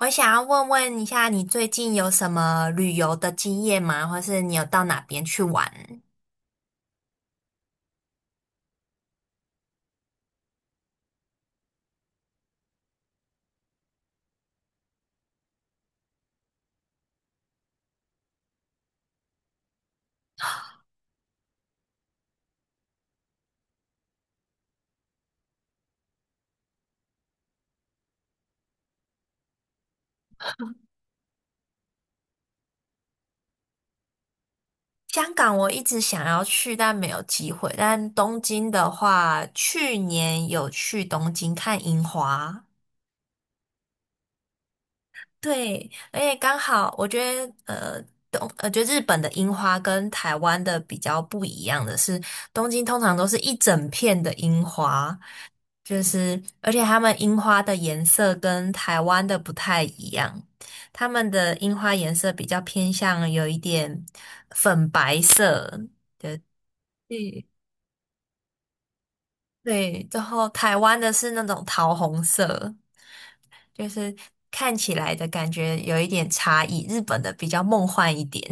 我想要问一下，你最近有什么旅游的经验吗？或是你有到哪边去玩？香港我一直想要去，但没有机会。但东京的话，去年有去东京看樱花，对，而且刚好我觉得，呃，东，呃，觉得日本的樱花跟台湾的比较不一样的是，东京通常都是一整片的樱花。就是，而且他们樱花的颜色跟台湾的不太一样，他们的樱花颜色比较偏向有一点粉白系，对对，然后台湾的是那种桃红色，就是看起来的感觉有一点差异，日本的比较梦幻一点，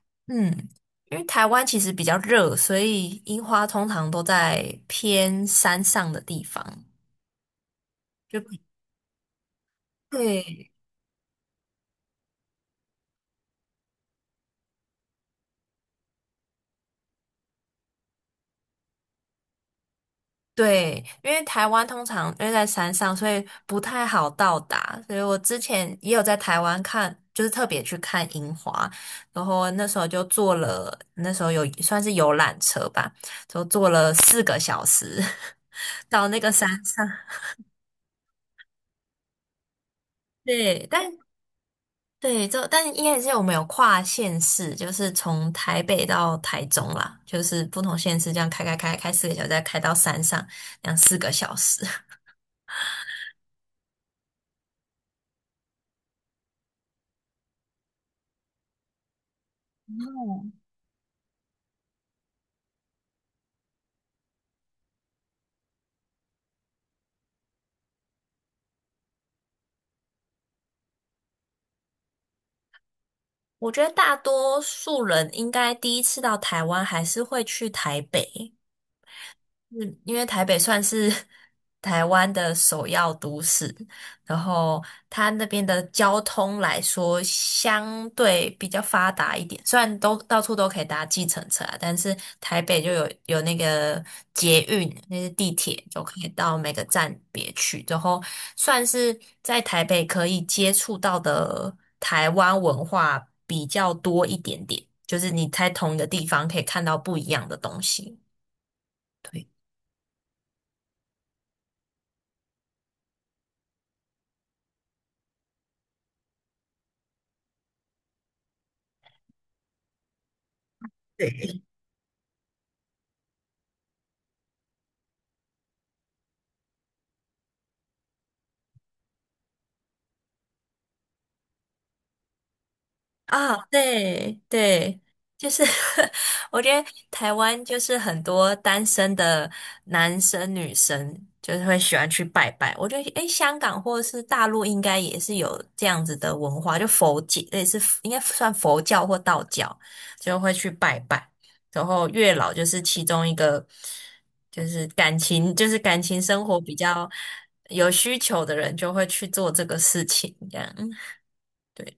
嗯，因为台湾其实比较热，所以樱花通常都在偏山上的地方，就比对。对，因为台湾通常因为在山上，所以不太好到达。所以我之前也有在台湾看，就是特别去看樱花，然后那时候就坐了，那时候有算是游览车吧，就坐了四个小时 到那个山上。对，但对，就但应该是我们有跨县市，就是从台北到台中啦，就是不同县市这样开四个小时，再开到山上，两四个小时。我觉得大多数人应该第一次到台湾还是会去台北，嗯，因为台北算是 台湾的首要都市，然后它那边的交通来说相对比较发达一点，虽然都到处都可以搭计程车啊，但是台北就有那个捷运，那是地铁，就可以到每个站别去，然后算是在台北可以接触到的台湾文化比较多一点点，就是你在同一个地方可以看到不一样的东西。对。啊，对对，就是 我觉得台湾就是很多单身的男生女生就是会喜欢去拜拜。我觉得诶，香港或者是大陆应该也是有这样子的文化，就佛界类似应该算佛教或道教，就会去拜拜。然后月老就是其中一个，就是感情就是感情生活比较有需求的人就会去做这个事情，这样。对。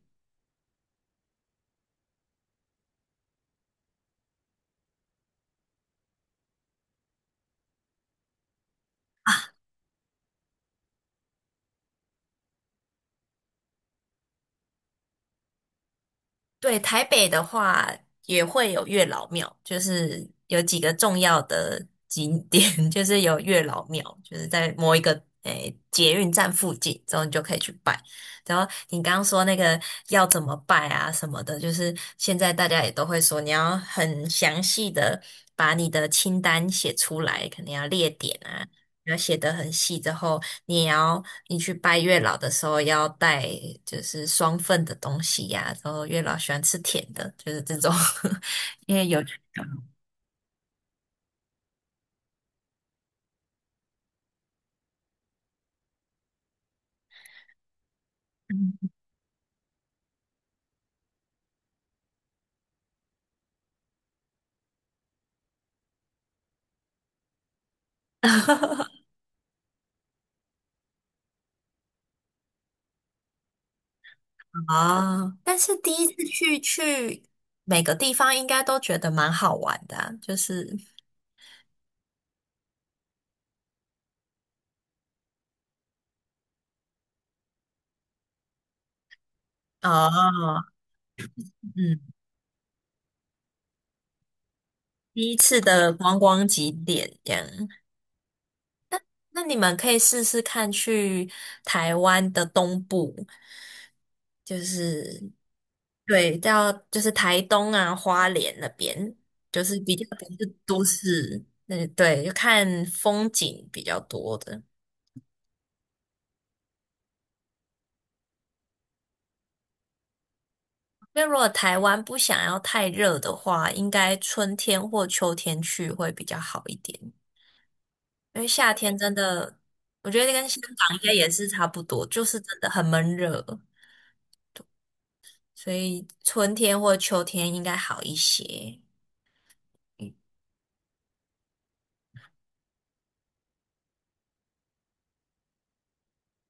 对，台北的话也会有月老庙，就是有几个重要的景点，就是有月老庙，就是在某一个诶、捷运站附近，之后你就可以去拜。然后你刚刚说那个要怎么拜啊什么的，就是现在大家也都会说，你要很详细的把你的清单写出来，可能要列点啊，要写得很细之后，你也要你去拜月老的时候要带就是双份的东西呀、然后月老喜欢吃甜的，就是这种，因为有嗯 哦，但是第一次去每个地方应该都觉得蛮好玩的啊就是哦，嗯，第一次的观光景点这样，那你们可以试试看去台湾的东部，就是对，到就是台东啊、花莲那边，就是比较不是都市，嗯，对，就看风景比较多的。因为如果台湾不想要太热的话，应该春天或秋天去会比较好一点。因为夏天真的，我觉得跟香港应该也是差不多，就是真的很闷热。所以春天或秋天应该好一些。嗯，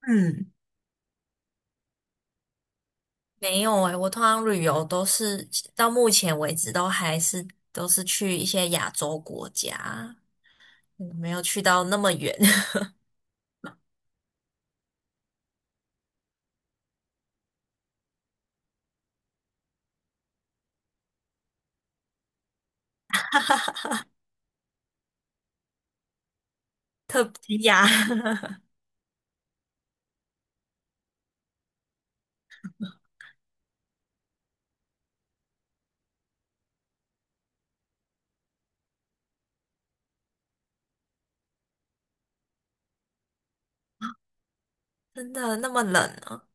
嗯，没有诶，我通常旅游都是到目前为止都还是都是去一些亚洲国家，嗯没有去到那么远，特别亚，真的那么冷啊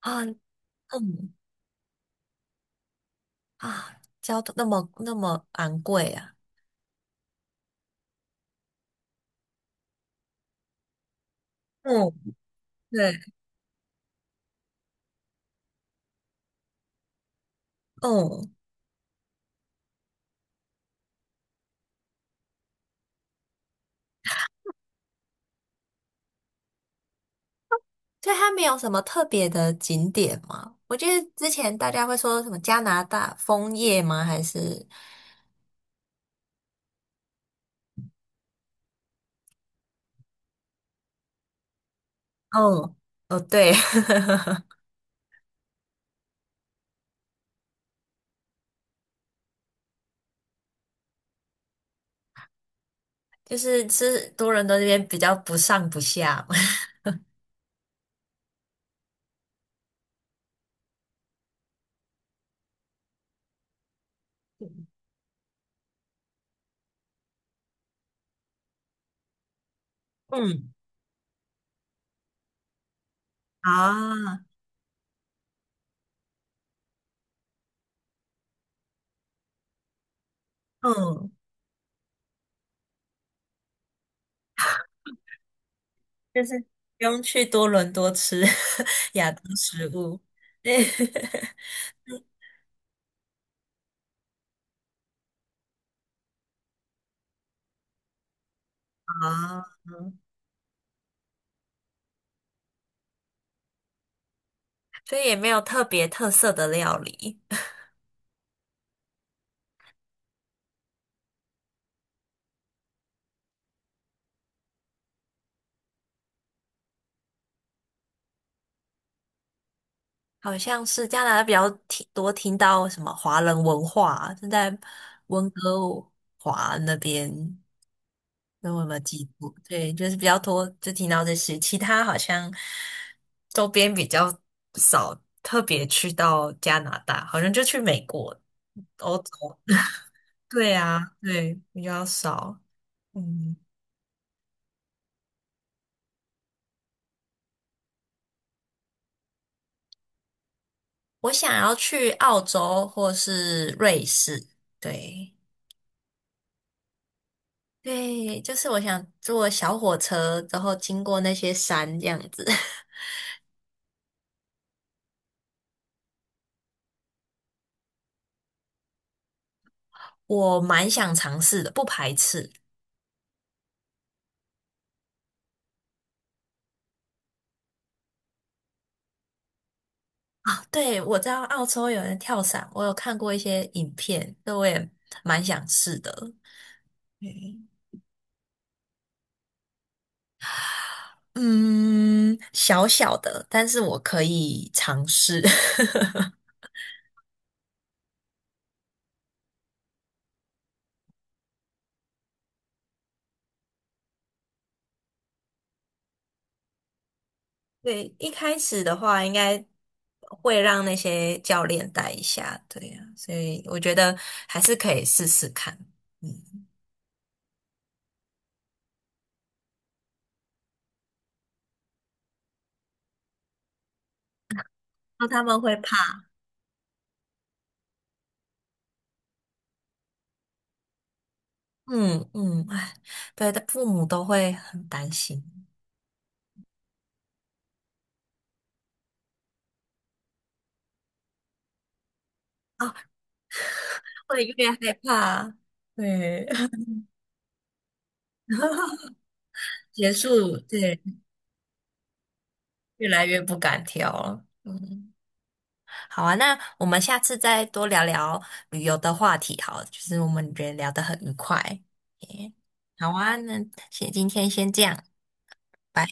啊嗯啊，交通那么昂贵啊。嗯，对，嗯，所以它没有什么特别的景点吗？我记得之前大家会说什么加拿大枫叶吗？还是？哦哦，对，就是吃多伦多这边比较不上不下 嗯啊，嗯，就是不用去多伦多吃 亚洲食物。对 啊，所以也没有特别特色的料理，好像是加拿大比较听到什么华人文化啊，正在温哥华那边。那我有没有记住？对，就是比较多，就听到这些，其他好像周边比较少，特别去到加拿大，好像就去美国、欧洲。对啊，对，比较少。嗯，我想要去澳洲或是瑞士。对，对，就是我想坐小火车，然后经过那些山这样子，我蛮想尝试的，不排斥。啊，对，我知道澳洲有人跳伞，我有看过一些影片，那我也蛮想试的。嗯，嗯小小的，但是我可以尝试。对，一开始的话应该会让那些教练带一下，对呀，所以我觉得还是可以试试看。嗯，那他们会怕，嗯嗯，哎，对的，父母都会很担心啊，会点害怕。对，结束，对，越来越不敢挑了。嗯，好啊，那我们下次再多聊聊旅游的话题，好了就是我们觉得聊得很愉快。耶好啊，那先今天先这样，拜。